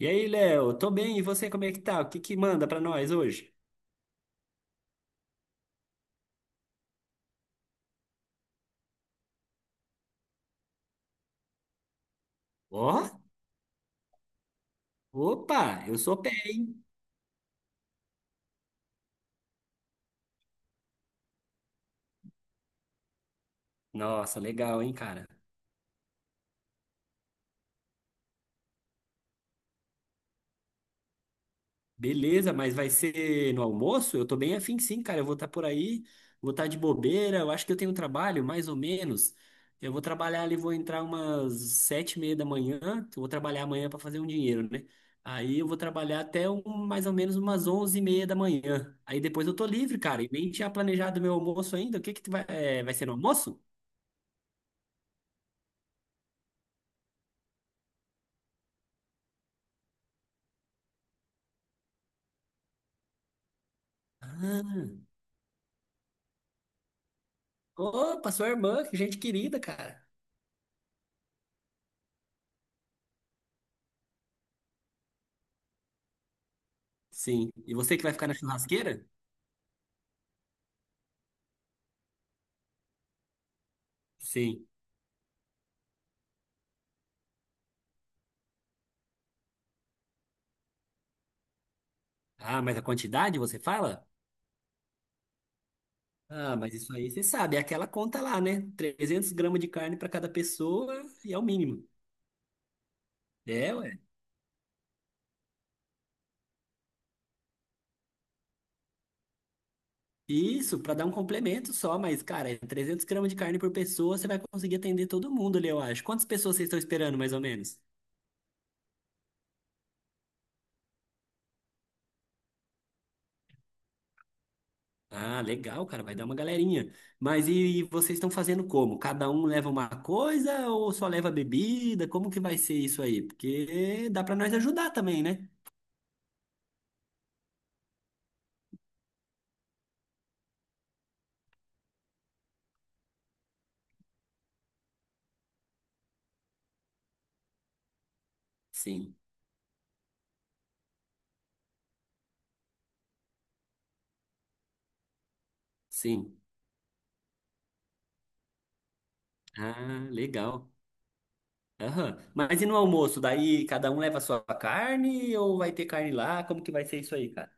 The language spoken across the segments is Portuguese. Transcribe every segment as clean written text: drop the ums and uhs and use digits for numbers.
E aí, Léo, tô bem, e você, como é que tá? O que que manda pra nós hoje? Ó, opa, eu sou pé. Nossa, legal, hein, cara? Beleza, mas vai ser no almoço? Eu tô bem afim, sim, cara. Eu vou estar por aí, vou estar de bobeira. Eu acho que eu tenho um trabalho, mais ou menos. Eu vou trabalhar ali, vou entrar umas 7:30 da manhã. Que Eu vou trabalhar amanhã pra fazer um dinheiro, né? Aí eu vou trabalhar até mais ou menos umas 11:30 da manhã. Aí depois eu tô livre, cara. E nem tinha planejado meu almoço ainda. O que que tu vai, é, vai ser no almoço? Ah, opa, sua irmã, que gente querida, cara. Sim. E você que vai ficar na churrasqueira? Sim. Ah, mas a quantidade você fala? Ah, mas isso aí você sabe, é aquela conta lá, né? 300 gramas de carne para cada pessoa e é o mínimo. É, ué. Isso, para dar um complemento só, mas, cara, é 300 gramas de carne por pessoa, você vai conseguir atender todo mundo ali, eu acho. Quantas pessoas vocês estão esperando, mais ou menos? Ah, legal, cara, vai dar uma galerinha. Mas e vocês estão fazendo como? Cada um leva uma coisa ou só leva bebida? Como que vai ser isso aí? Porque dá para nós ajudar também, né? Sim, sim. Ah, legal. Aham. Mas e no almoço? Daí cada um leva a sua carne ou vai ter carne lá? Como que vai ser isso aí, cara?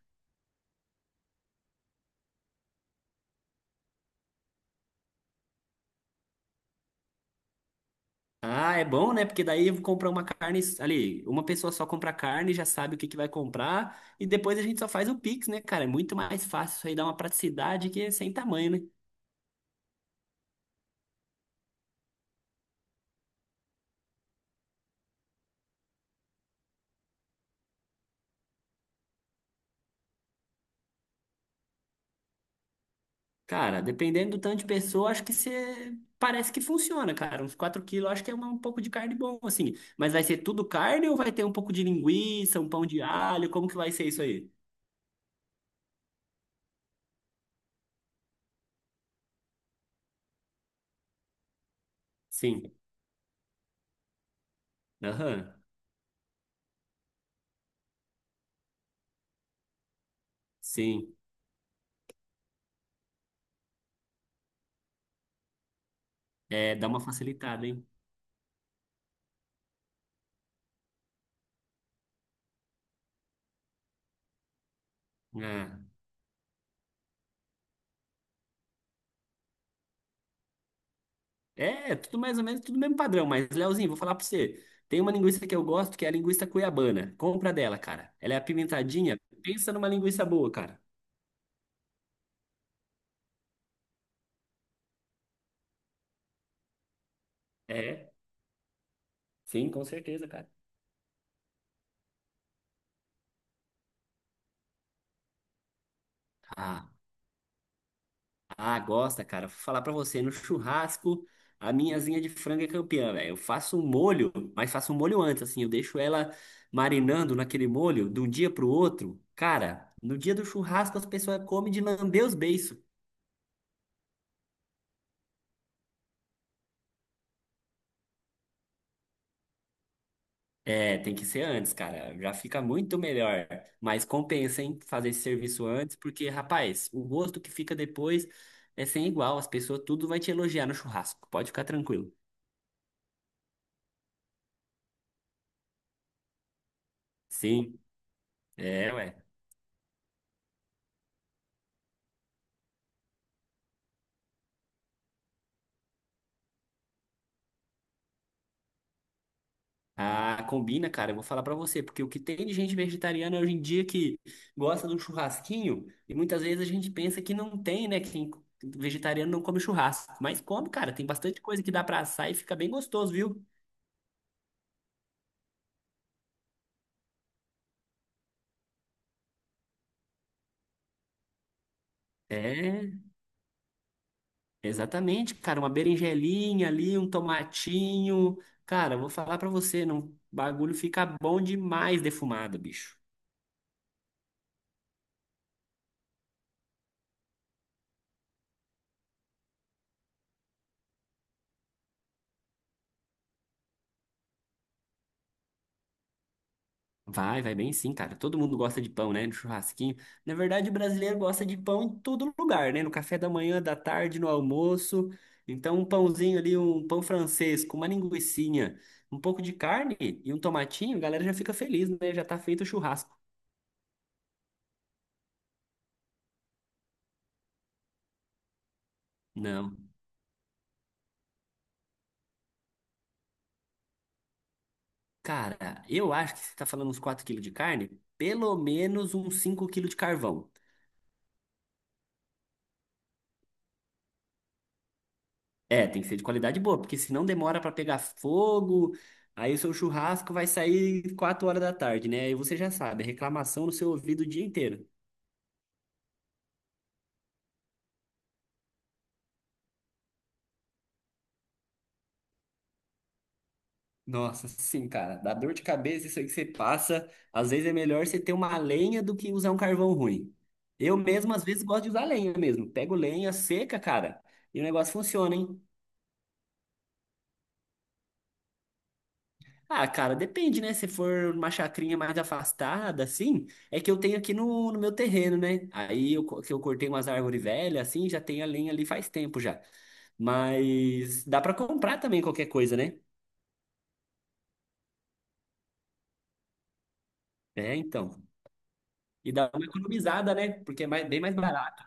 Ah, é bom, né? Porque daí comprar uma carne ali, uma pessoa só compra carne, já sabe o que que vai comprar e depois a gente só faz o Pix, né, cara? É muito mais fácil isso aí, dá uma praticidade que é sem tamanho, né? Cara, dependendo do tanto de pessoa, acho que você parece que funciona, cara. Uns 4 quilos, acho que é um pouco de carne bom, assim. Mas vai ser tudo carne ou vai ter um pouco de linguiça, um pão de alho? Como que vai ser isso aí? Sim. Aham. Sim. É, dá uma facilitada, hein? Ah. É, tudo mais ou menos, tudo mesmo padrão. Mas, Leozinho, vou falar pra você. Tem uma linguiça que eu gosto, que é a linguiça cuiabana. Compra dela, cara. Ela é apimentadinha. Pensa numa linguiça boa, cara. É, sim, com certeza, cara. Ah. Ah, gosta, cara. Vou falar pra você, no churrasco, a minha asinha de frango é campeã, velho. Eu faço um molho, mas faço um molho antes, assim, eu deixo ela marinando naquele molho de um dia pro outro. Cara, no dia do churrasco as pessoas comem de lamber os beiços. É, tem que ser antes, cara. Já fica muito melhor. Mas compensa, hein, fazer esse serviço antes, porque, rapaz, o gosto que fica depois é sem igual. As pessoas tudo vai te elogiar no churrasco. Pode ficar tranquilo. Sim, é, ué. Ah, combina, cara. Eu vou falar pra você, porque o que tem de gente vegetariana hoje em dia que gosta do churrasquinho, e muitas vezes a gente pensa que não tem, né? Vegetariano não come churrasco, mas come, cara. Tem bastante coisa que dá pra assar e fica bem gostoso, viu? É, exatamente, cara. Uma berinjelinha ali, um tomatinho. Cara, eu vou falar pra você, não, o bagulho fica bom demais defumado, bicho. Vai bem sim, cara. Todo mundo gosta de pão, né? No churrasquinho. Na verdade, o brasileiro gosta de pão em todo lugar, né? No café da manhã, da tarde, no almoço. Então, um pãozinho ali, um pão francês com uma linguiçinha, um pouco de carne e um tomatinho, a galera já fica feliz, né? Já tá feito o churrasco. Não. Cara, eu acho que você tá falando uns 4 quilos de carne, pelo menos uns 5 quilos de carvão. É, tem que ser de qualidade boa, porque senão demora pra pegar fogo, aí o seu churrasco vai sair 4 horas da tarde, né? Aí você já sabe, é reclamação no seu ouvido o dia inteiro. Nossa, sim, cara, dá dor de cabeça isso aí que você passa. Às vezes é melhor você ter uma lenha do que usar um carvão ruim. Eu mesmo, às vezes, gosto de usar lenha mesmo. Pego lenha seca, cara, e o negócio funciona, hein? Ah, cara, depende, né? Se for uma chacrinha mais afastada, assim, é que eu tenho aqui no meu terreno, né? Aí eu, que eu cortei umas árvores velhas, assim, já tem a lenha ali faz tempo já. Mas dá pra comprar também qualquer coisa, né? É, então. E dá uma economizada, né? Porque é bem mais barato.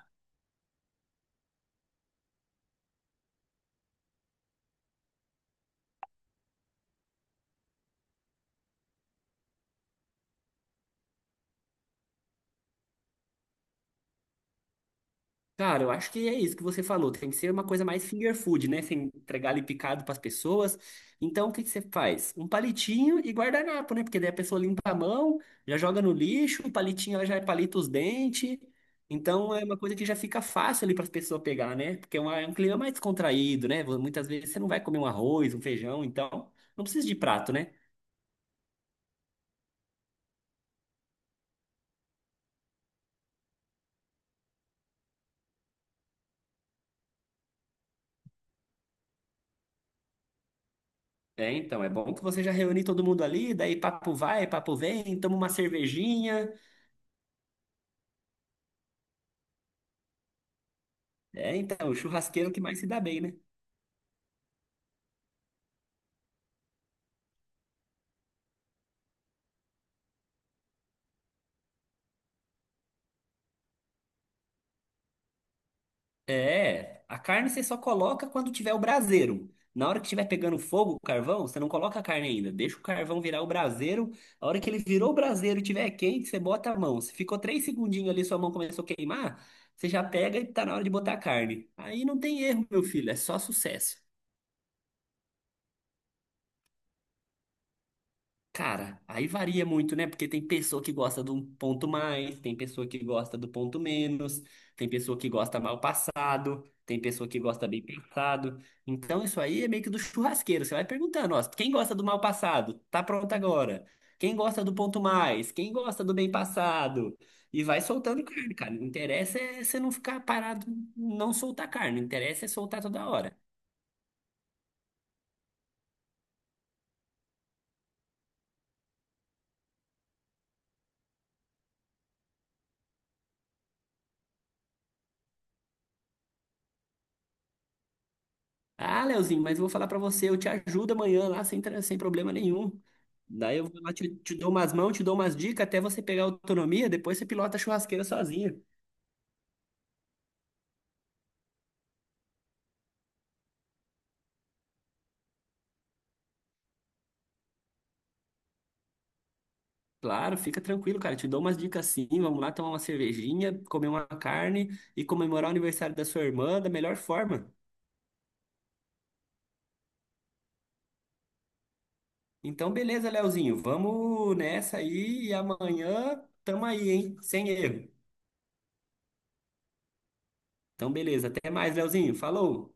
Cara, eu acho que é isso que você falou. Tem que ser uma coisa mais finger food, né? Você entregar ali picado para as pessoas. Então, o que que você faz? Um palitinho e guardanapo, né? Porque daí a pessoa limpa a mão, já joga no lixo, o palitinho ela já palita os dentes. Então, é uma coisa que já fica fácil ali para as pessoas pegar, né? Porque é um clima mais descontraído, né? Muitas vezes você não vai comer um arroz, um feijão, então não precisa de prato, né? É, então, é bom que você já reúne todo mundo ali, daí papo vai, papo vem, toma uma cervejinha. É, então, o churrasqueiro que mais se dá bem, né? É, a carne você só coloca quando tiver o braseiro. Na hora que estiver pegando fogo, o carvão, você não coloca a carne ainda. Deixa o carvão virar o braseiro. A hora que ele virou o braseiro e estiver quente, você bota a mão. Se ficou três segundinhos ali, sua mão começou a queimar, você já pega e tá na hora de botar a carne. Aí não tem erro, meu filho, é só sucesso. Cara, aí varia muito, né? Porque tem pessoa que gosta do ponto mais, tem pessoa que gosta do ponto menos, tem pessoa que gosta mal passado, tem pessoa que gosta bem passado. Então isso aí é meio que do churrasqueiro. Você vai perguntando, ó, quem gosta do mal passado? Tá pronto agora. Quem gosta do ponto mais? Quem gosta do bem passado? E vai soltando carne, cara. O interessa é você não ficar parado, não soltar carne. O interessa é soltar toda hora. Ah, Leozinho, mas eu vou falar pra você, eu te ajudo amanhã lá sem, sem problema nenhum. Daí eu vou lá, te dou umas mãos, te dou umas dicas até você pegar autonomia, depois você pilota a churrasqueira sozinha. Claro, fica tranquilo, cara, te dou umas dicas sim. Vamos lá tomar uma cervejinha, comer uma carne e comemorar o aniversário da sua irmã da melhor forma. Então, beleza, Leozinho, vamos nessa aí e amanhã tamo aí, hein? Sem erro. Então, beleza, até mais, Leozinho, falou!